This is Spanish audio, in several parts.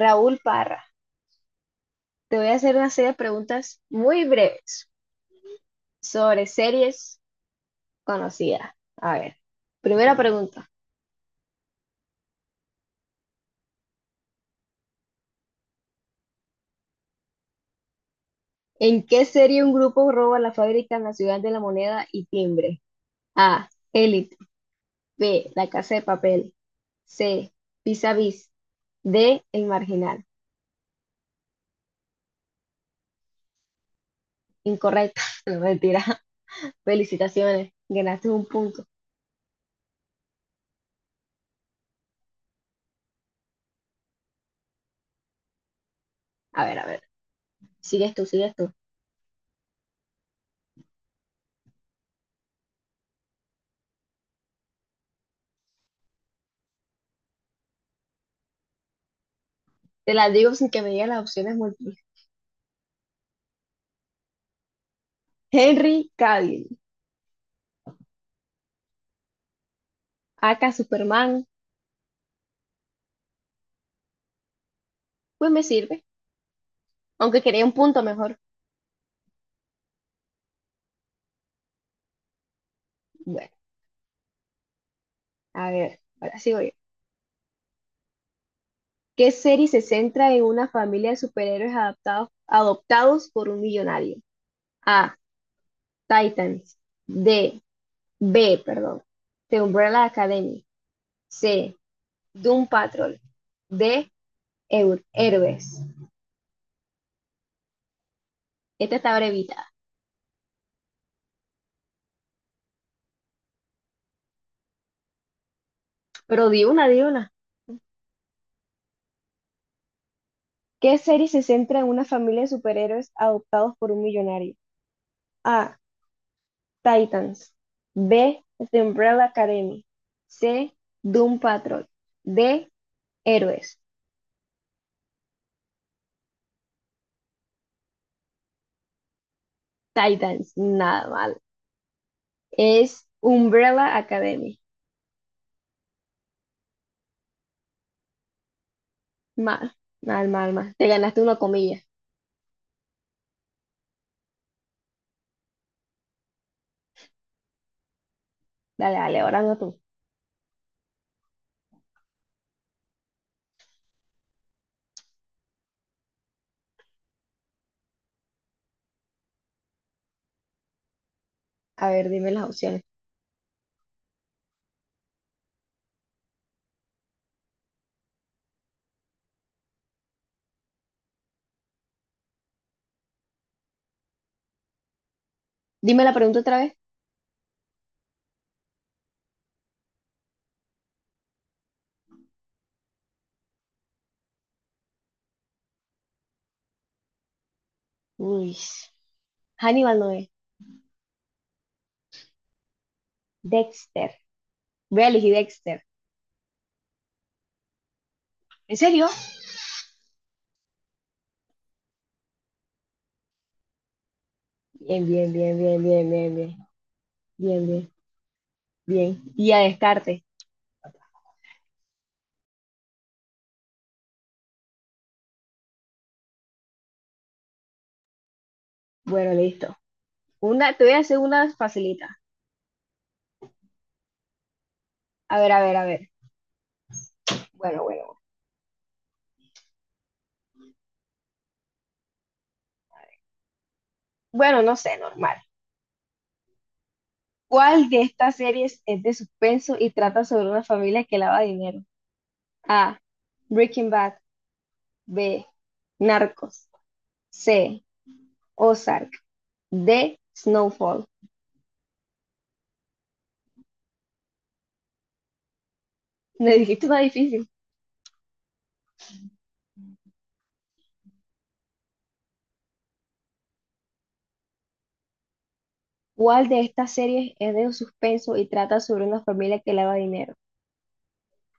Raúl Parra, te voy a hacer una serie de preguntas muy breves sobre series conocidas. A ver, primera pregunta. ¿En qué serie un grupo roba la fábrica nacional de la moneda y timbre? A. Élite. B. La casa de papel. C. Vis a vis. D. El marginal. Incorrecto. No, mentira. Felicitaciones. Ganaste un punto. A ver. Sigues tú. Te las digo sin que me digas las opciones múltiples. Henry Cavill. Aka Superman. Pues me sirve, aunque quería un punto mejor. Bueno, a ver, ahora sigo yo. ¿Qué serie se centra en una familia de superhéroes adoptados por un millonario? A. Titans. D. B, perdón. The Umbrella Academy. C. Doom Patrol. D. Héroes. Esta está brevita. Pero di una. ¿Qué serie se centra en una familia de superhéroes adoptados por un millonario? A. Titans. B. The Umbrella Academy. C. Doom Patrol. D. Héroes. Titans. Nada mal. Es Umbrella Academy. Mal, mal. Te ganaste una comilla. Dale, dale, ahora no tú. A ver, dime las opciones. Dime la pregunta otra vez. Uy. Hannibal no es. Dexter. Voy a elegir Dexter. ¿En serio? Bien. Bien, bien, bien. Y a descarte. Bueno, listo. Una, te voy a hacer una facilita. A ver. Bueno. Bueno, no sé, normal. ¿Cuál de estas series es de suspenso y trata sobre una familia que lava dinero? A. Breaking Bad. B. Narcos. C. Ozark. D. Snowfall. Me dijiste una difícil. ¿Cuál de estas series es de suspenso y trata sobre una familia que lava dinero?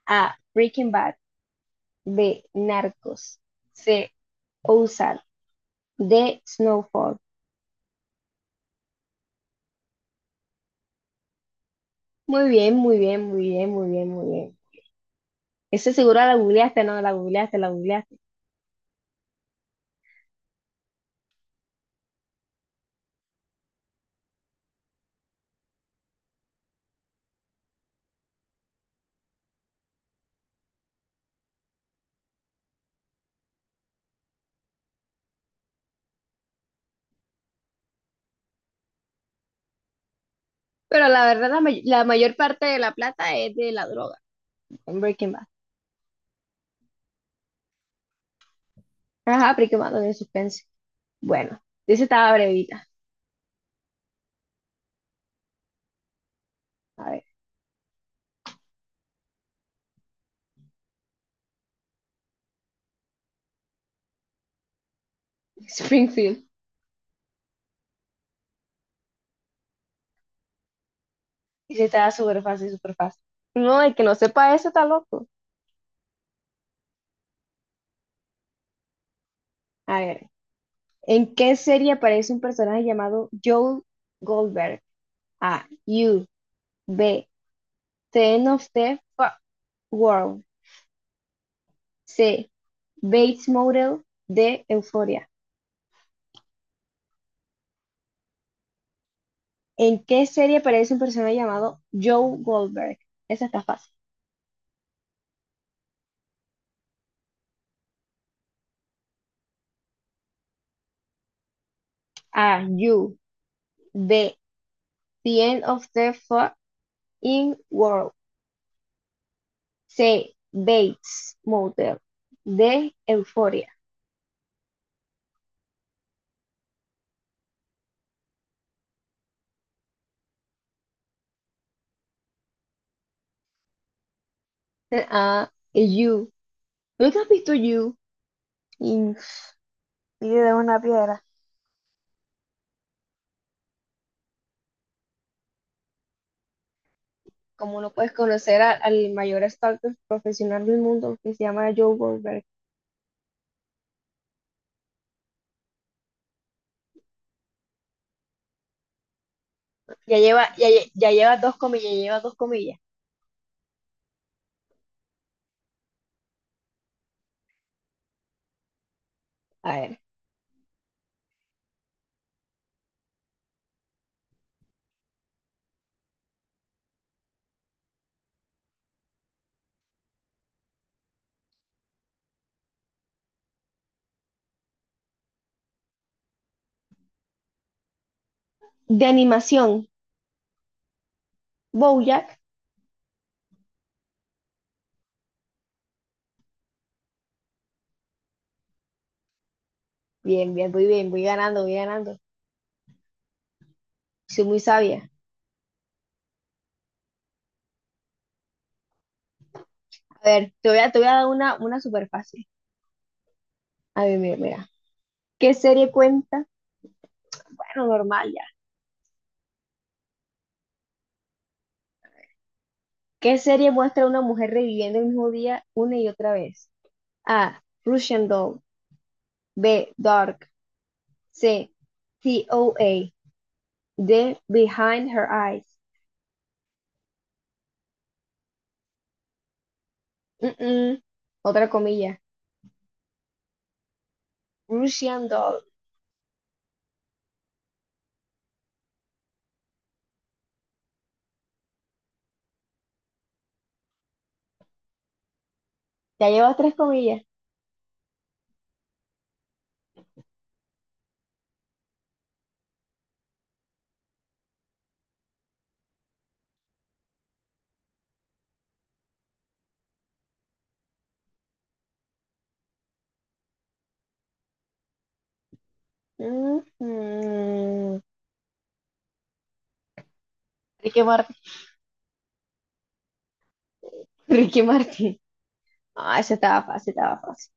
A. Breaking Bad. B. Narcos. C. Ozark. D. Snowfall. Muy bien, muy bien, muy bien, muy bien, muy bien. Ese seguro la googleaste, no, la googleaste. Pero la verdad, la mayor parte de la plata es de la droga. En Breaking Bad. Ajá, Breaking Bad de suspense. Bueno, dice estaba brevita. A ver, Springfield. Dice estaba súper fácil. No, el que no sepa eso está loco. A ver, ¿en qué serie aparece un personaje llamado Joel Goldberg? A. U. B. Ten of the Fu- World. C. Bates Motel. D. Euphoria. ¿En qué serie aparece un personaje llamado Joe Goldberg? Esa está fácil. A. You. B. The End of the Fucking World. C. Bates Motel. D. Euphoria. A. You. ¿Nunca has visto You? Y Y de una piedra. Como no puedes al mayor stalker profesional del mundo que se llama Joe Goldberg. Ya lleva, ya, ya lleva dos comillas. A ver. De animación, Bojack. Muy bien, voy voy ganando. Soy muy sabia. A ver, te voy a dar una súper fácil. A ver, mira. ¿Qué serie cuenta? Bueno, normal ya. ¿Qué serie muestra a una mujer reviviendo el mismo día una y otra vez? A. Russian Doll. B. Dark. C. T O A D. Behind Her Eyes. Mm, mm. Otra comilla. Russian Doll. Ya llevas tres comillas. Mm. Ricky Martin. Ricky Martin. Ah, esa estaba estaba fácil.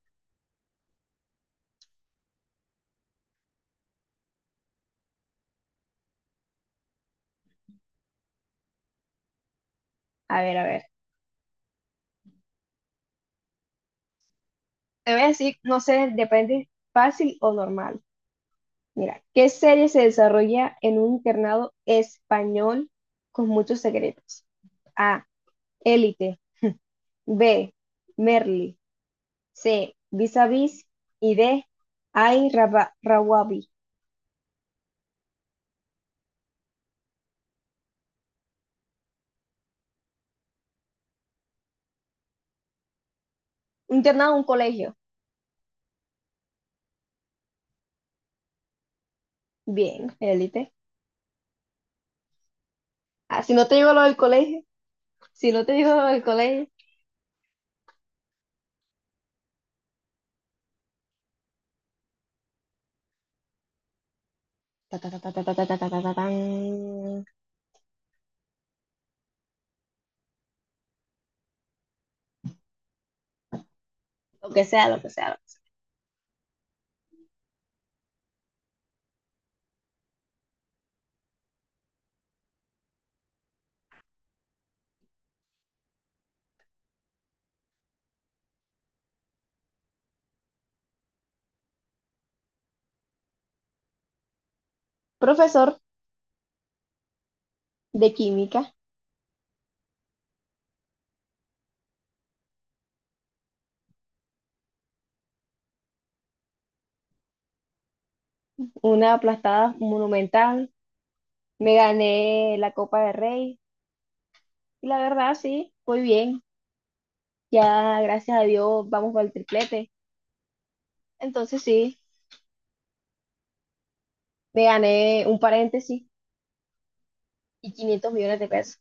A ver. Te voy a decir, no sé, depende fácil o normal. Mira, ¿qué serie se desarrolla en un internado español con muchos secretos? A. Élite. B. Merli. C. Vis a Vis. Y D. Ay, Rawabi. Un internado, un colegio. Bien, élite. Ah, si no te digo lo del colegio, si no te digo lo del colegio. Ta, ta, ta, ta, ta, ta, ta, ta, ta, ta, ta, tan. Lo que sea. Profesor de química. Una aplastada monumental. Me gané la Copa de Rey y la verdad sí, muy bien. Ya gracias a Dios vamos por el triplete. Entonces sí, me gané un paréntesis y 500 millones de pesos.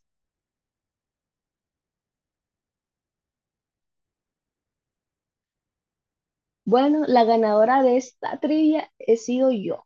Bueno, la ganadora de esta trivia he sido yo.